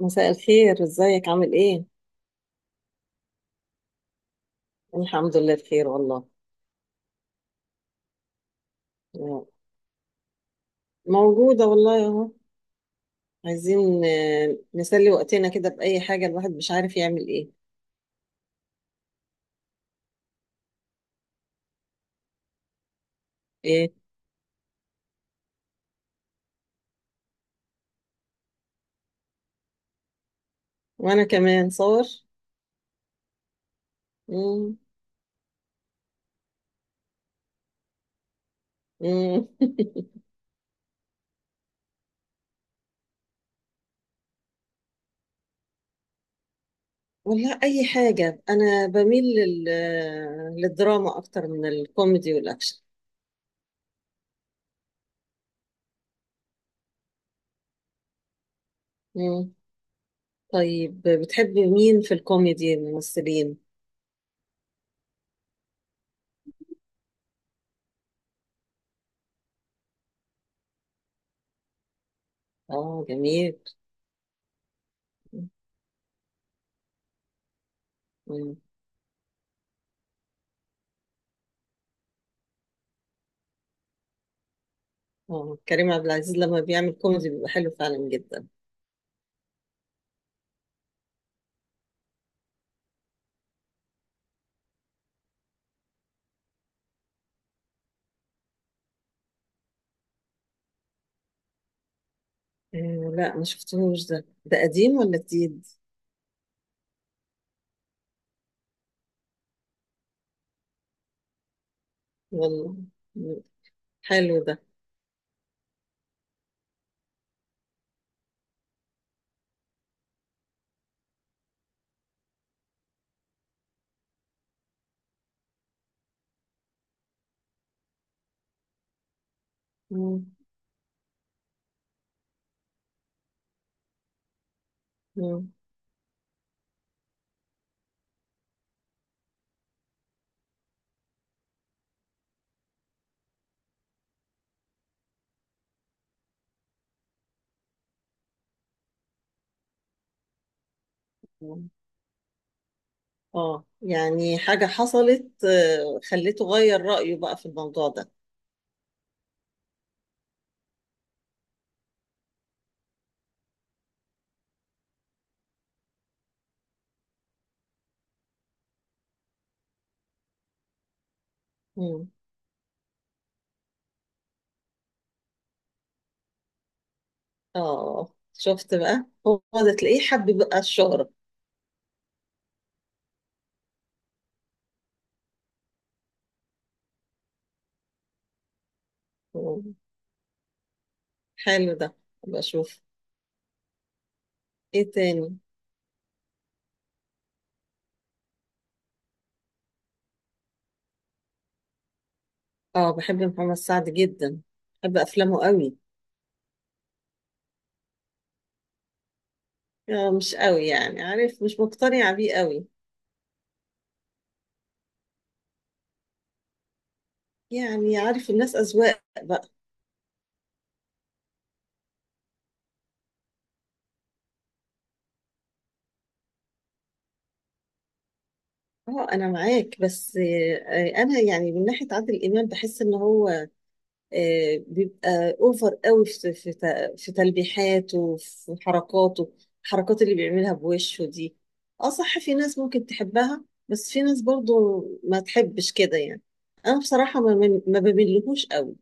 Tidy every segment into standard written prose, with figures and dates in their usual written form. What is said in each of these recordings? مساء الخير، ازيك عامل ايه؟ الحمد لله، بخير والله. موجودة والله اهو. عايزين نسلي وقتنا كده بأي حاجة، الواحد مش عارف يعمل ايه. ايه. وانا كمان صور. مم. مم. والله اي حاجة. انا بميل لل... آه، للدراما اكتر من الكوميدي والاكشن. مم. طيب بتحب مين في الكوميدي الممثلين؟ اه، جميل. مم. اه، كريم عبد العزيز لما بيعمل كوميدي بيبقى حلو فعلا جدا. آه لا، ما شفتهوش. ده قديم ولا جديد؟ والله حلو ده. مم. مم. مم. اه، يعني حاجة حصلت خليته غير رأيه بقى في الموضوع ده. مم. اه شفت؟ بقى هو ده، تلاقيه حب بقى الشهرة. مم. حلو ده. ابقى اشوف. ايه تاني؟ اه، بحب محمد سعد جدا. بحب افلامه قوي. آه، مش قوي يعني، عارف، مش مقتنعة بيه قوي. يعني عارف، الناس أذواق بقى. اه انا معاك بس. انا يعني من ناحيه عادل امام بحس ان هو بيبقى اوفر قوي في تلبيحاته وفي حركاته. الحركات اللي بيعملها بوشه دي. اه صح، في ناس ممكن تحبها بس في ناس برضو ما تحبش كده يعني. انا بصراحه ما بملهوش قوي.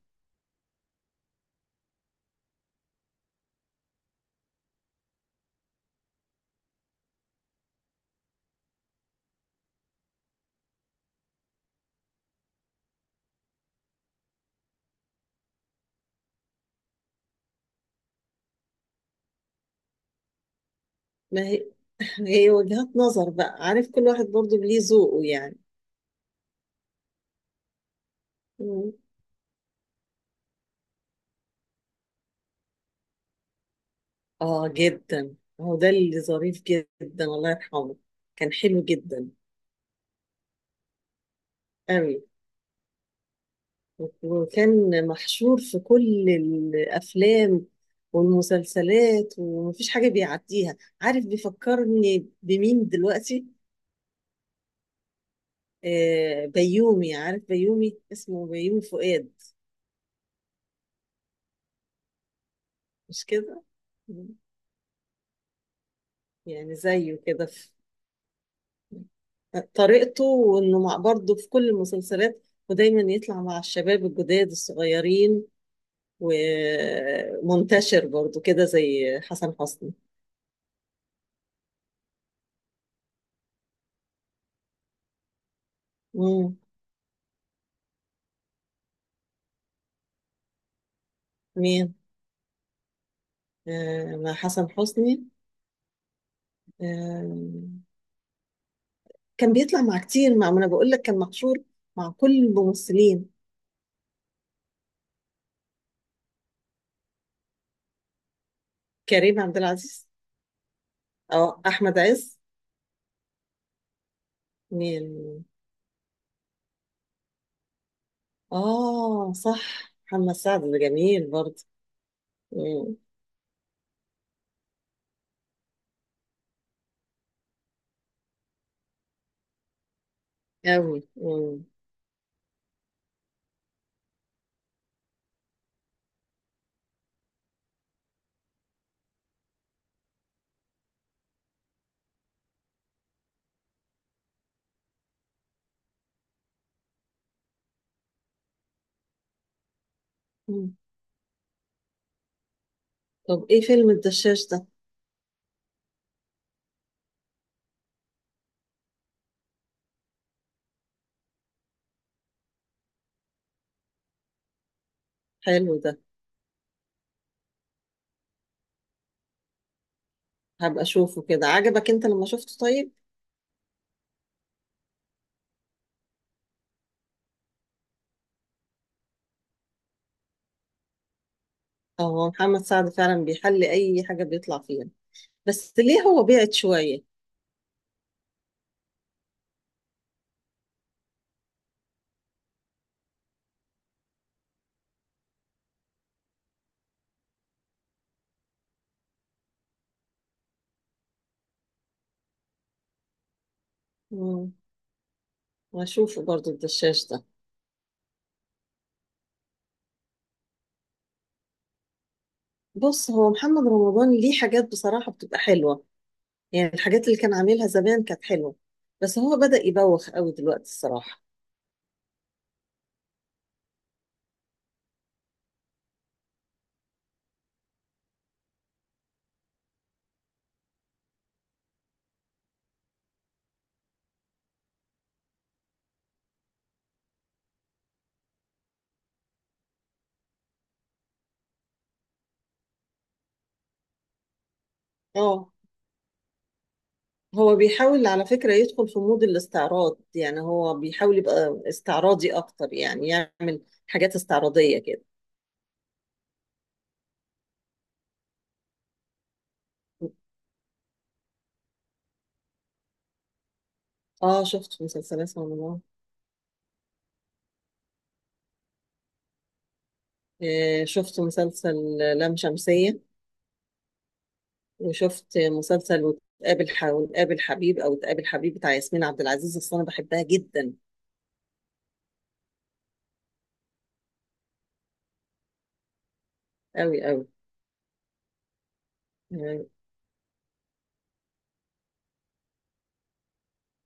ما هي. هي وجهات نظر بقى، عارف، كل واحد برضو ليه ذوقه يعني. مم. اه، جدا. هو ده اللي ظريف جدا، الله يرحمه. كان حلو جدا. أوي. وكان محشور في كل الأفلام والمسلسلات، ومفيش حاجة بيعديها. عارف بيفكرني بمين دلوقتي؟ بيومي. عارف بيومي؟ اسمه بيومي فؤاد. مش كده؟ يعني زيه كده في طريقته، وإنه مع برضه في كل المسلسلات. ودايما يطلع مع الشباب الجداد الصغيرين. ومنتشر برضه كده زي حسن حسني. مم. مين؟ مع حسن حسني. آه، كان بيطلع مع كتير. مع ما انا بقول لك، كان محشور مع كل الممثلين. كريم عبد العزيز؟ اه، احمد عز؟ مين؟ اه صح، محمد سعد ده جميل برضه. مم. أوي. مم. مم. طب ايه فيلم الدشاش ده؟ حلو ده. هبقى اشوفه كده. عجبك انت لما شفته؟ طيب. اه، هو محمد سعد فعلا بيحل اي حاجة بيطلع فيها. بس ليه هو بعد شوية؟ مم. واشوفه برضه الدشاش ده. بص، هو محمد رمضان ليه حاجات بصراحة بتبقى حلوة. يعني الحاجات اللي كان عاملها زمان كانت حلوة. بس هو بدأ يبوخ قوي دلوقتي الصراحة. اه، هو بيحاول على فكرة يدخل في مود الاستعراض. يعني هو بيحاول يبقى استعراضي أكتر، يعني يعمل حاجات استعراضية كده. اه، شفت مسلسلات رمضان. آه، شفت مسلسل لام شمسية. وشفت مسلسل وتقابل حبيب، أو تقابل حبيب بتاع ياسمين عبد العزيز. أصل أنا بحبها جدا. قوي. قوي.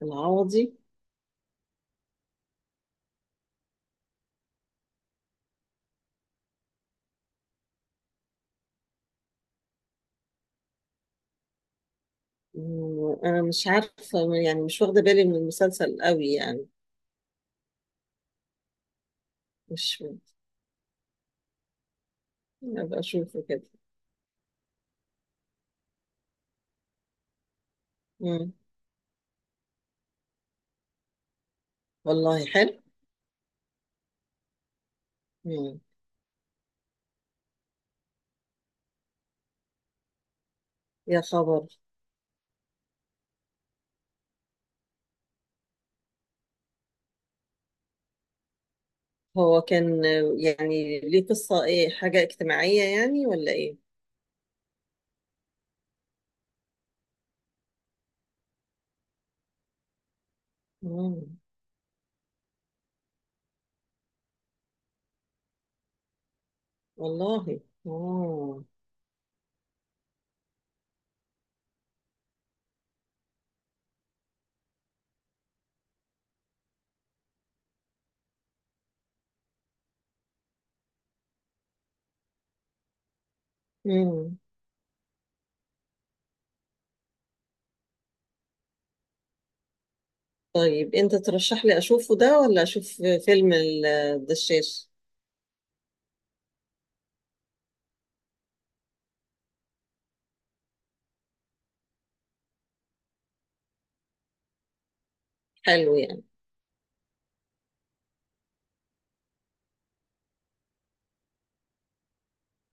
العوضي. مم. انا مش عارفه. يعني مش واخده بالي من المسلسل قوي يعني. مش. ابقى اشوفه كده. مم. والله حلو. مم. يا خبر. هو كان يعني ليه قصه ايه؟ حاجه اجتماعيه يعني ولا ايه؟ مم. والله. اه. مم. طيب انت ترشح لي اشوفه ده، ولا اشوف فيلم الدشاش؟ حلو يعني.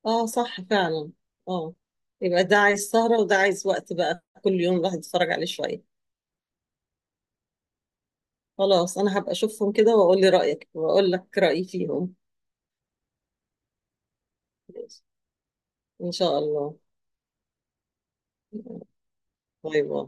اه، صح فعلا. اه. يبقى ده عايز سهرة، وده عايز وقت بقى، كل يوم الواحد يتفرج عليه شوية. خلاص، انا هبقى اشوفهم كده واقول لي رأيك واقول لك رأيي فيهم. ماشي. ان شاء الله. باي باي.